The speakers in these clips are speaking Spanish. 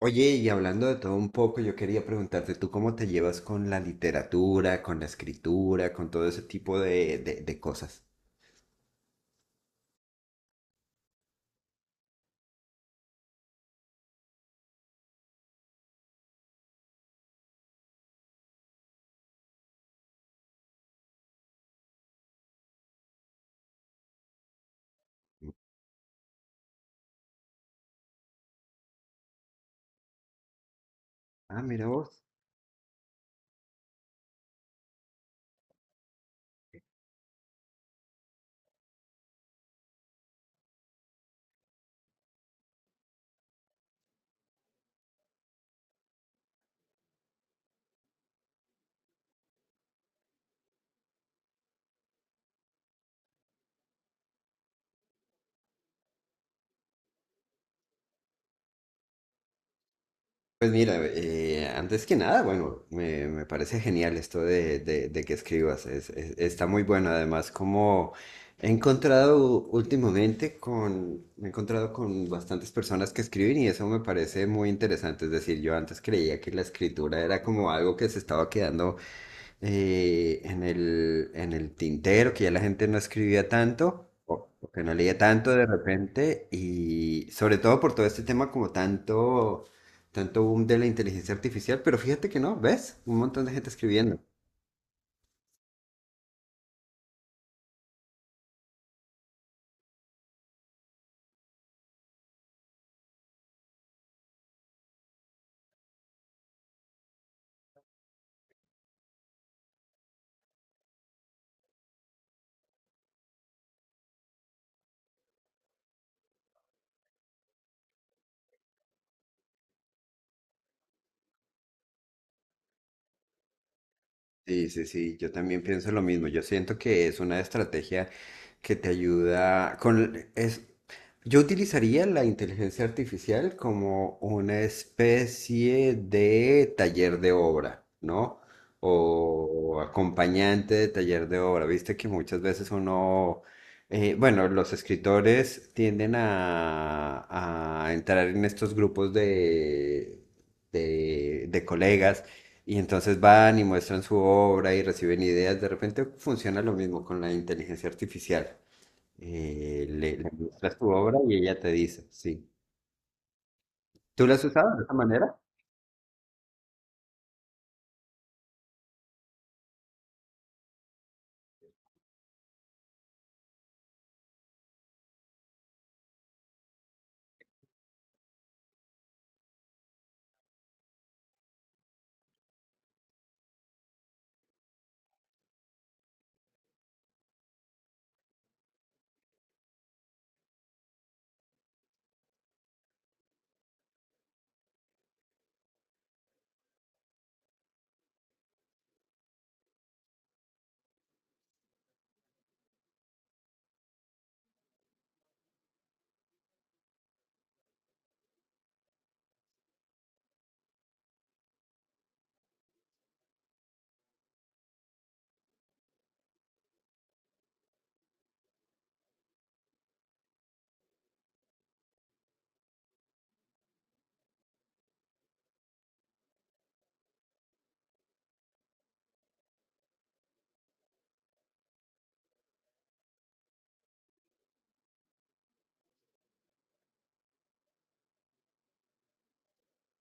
Oye, y hablando de todo un poco, yo quería preguntarte, ¿tú cómo te llevas con la literatura, con la escritura, con todo ese tipo de cosas? Ah, mira vos. Pues mira, antes que nada, bueno, me parece genial esto de que escribas, está muy bueno. Además, como he encontrado últimamente con, me he encontrado con bastantes personas que escriben y eso me parece muy interesante. Es decir, yo antes creía que la escritura era como algo que se estaba quedando en el tintero, que ya la gente no escribía tanto, o que no leía tanto de repente, y sobre todo por todo este tema como tanto boom de la inteligencia artificial, pero fíjate que no, ¿ves? Un montón de gente escribiendo. Sí, sí, sí, yo también pienso lo mismo. Yo siento que es una estrategia que te ayuda con es yo utilizaría la inteligencia artificial como una especie de taller de obra, ¿no? O acompañante de taller de obra. Viste que muchas veces uno bueno, los escritores tienden a entrar en estos grupos de colegas y entonces van y muestran su obra y reciben ideas. De repente funciona lo mismo con la inteligencia artificial. Le muestras tu obra y ella te dice, sí. ¿Tú la has usado de esa manera?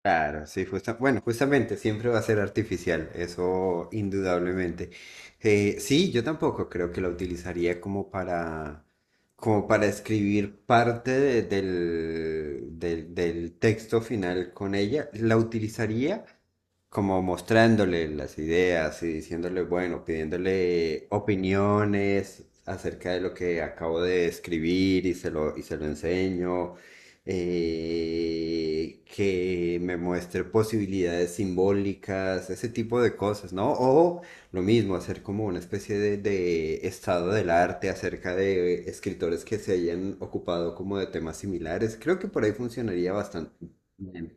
Claro, sí, bueno, justamente siempre va a ser artificial, eso indudablemente. Sí, yo tampoco creo que la utilizaría como para escribir parte del texto final con ella. La utilizaría como mostrándole las ideas y diciéndole, bueno, pidiéndole opiniones acerca de lo que acabo de escribir y y se lo enseño, que me muestre posibilidades simbólicas, ese tipo de cosas, ¿no? O lo mismo, hacer como una especie de estado del arte acerca de escritores que se hayan ocupado como de temas similares. Creo que por ahí funcionaría bastante bien.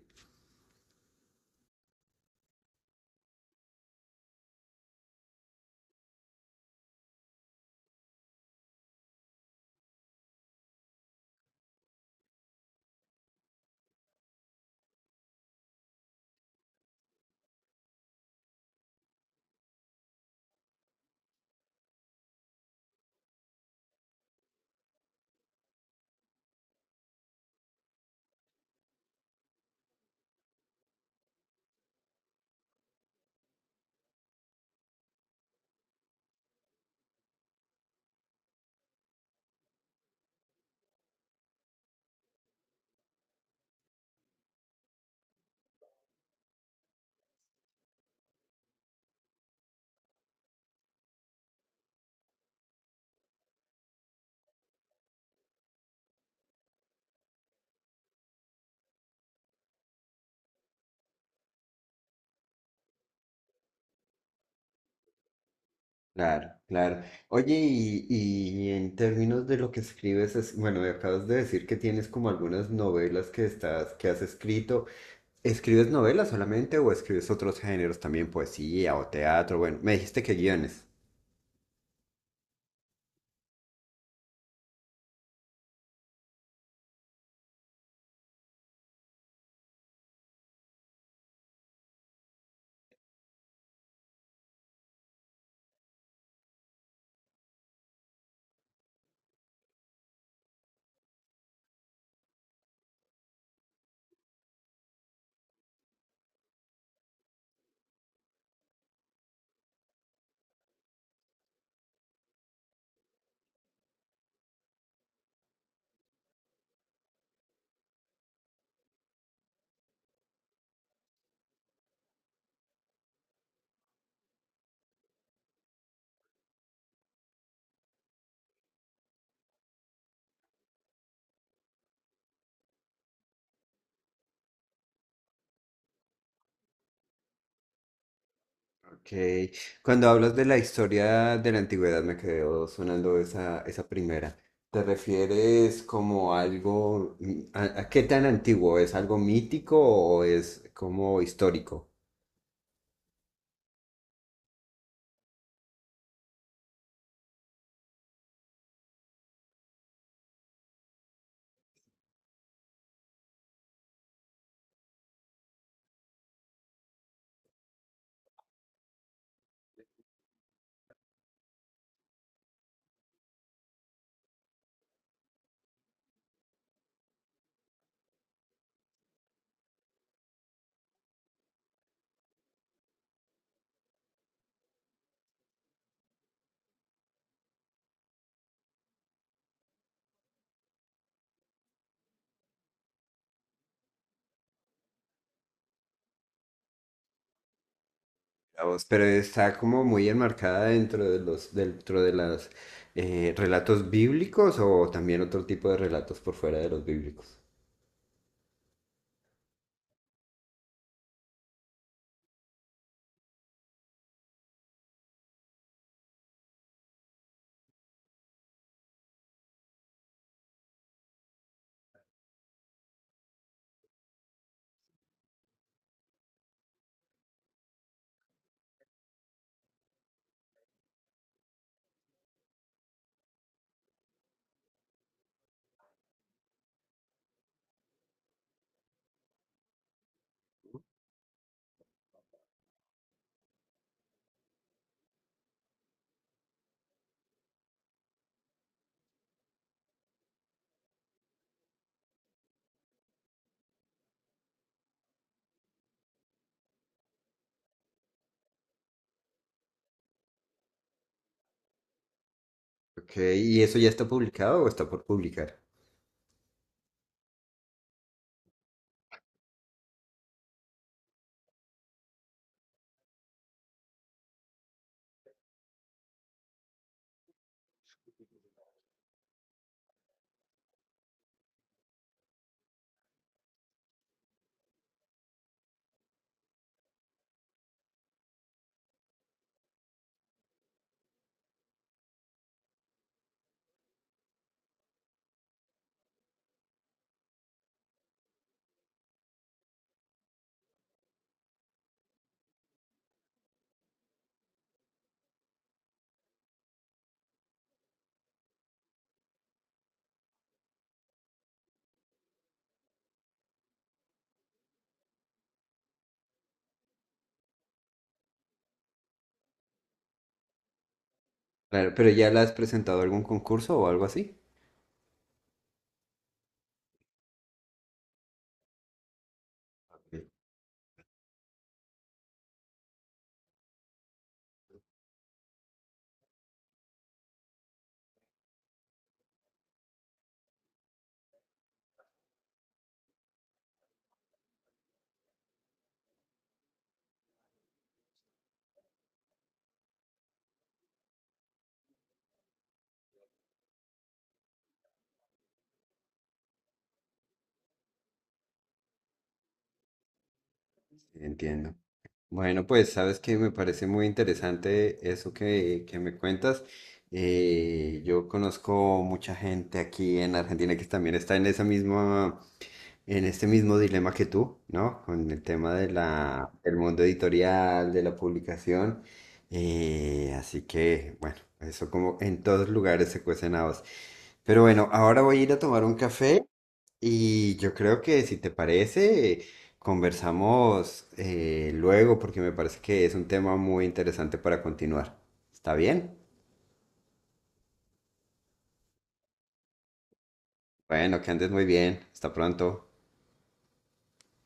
Claro, claro. Oye, y en términos de lo que escribes, es, bueno, me acabas de decir que tienes como algunas novelas que que has escrito. ¿Escribes novelas solamente o escribes otros géneros también, poesía o teatro? Bueno, me dijiste que guiones. Ok. Cuando hablas de la historia de la antigüedad, me quedó sonando esa, esa primera. ¿Te refieres como algo, a qué tan antiguo? ¿Es algo mítico o es como histórico? La voz, pero está como muy enmarcada dentro de dentro de las relatos bíblicos o también otro tipo de relatos por fuera de los bíblicos. Ok, ¿y eso ya está publicado o está por publicar? Claro, pero ¿ya la has presentado a algún concurso o algo así? Sí. Entiendo. Bueno, pues sabes que me parece muy interesante eso que me cuentas. Yo conozco mucha gente aquí en Argentina que también está en esa misma en este mismo dilema que tú, ¿no? Con el tema de la, del mundo editorial, de la publicación. Así que, bueno, eso como en todos lugares se cuecen habas. Pero bueno, ahora voy a ir a tomar un café y yo creo que si te parece, conversamos luego porque me parece que es un tema muy interesante para continuar. ¿Está bien? Bueno, que andes muy bien. Hasta pronto.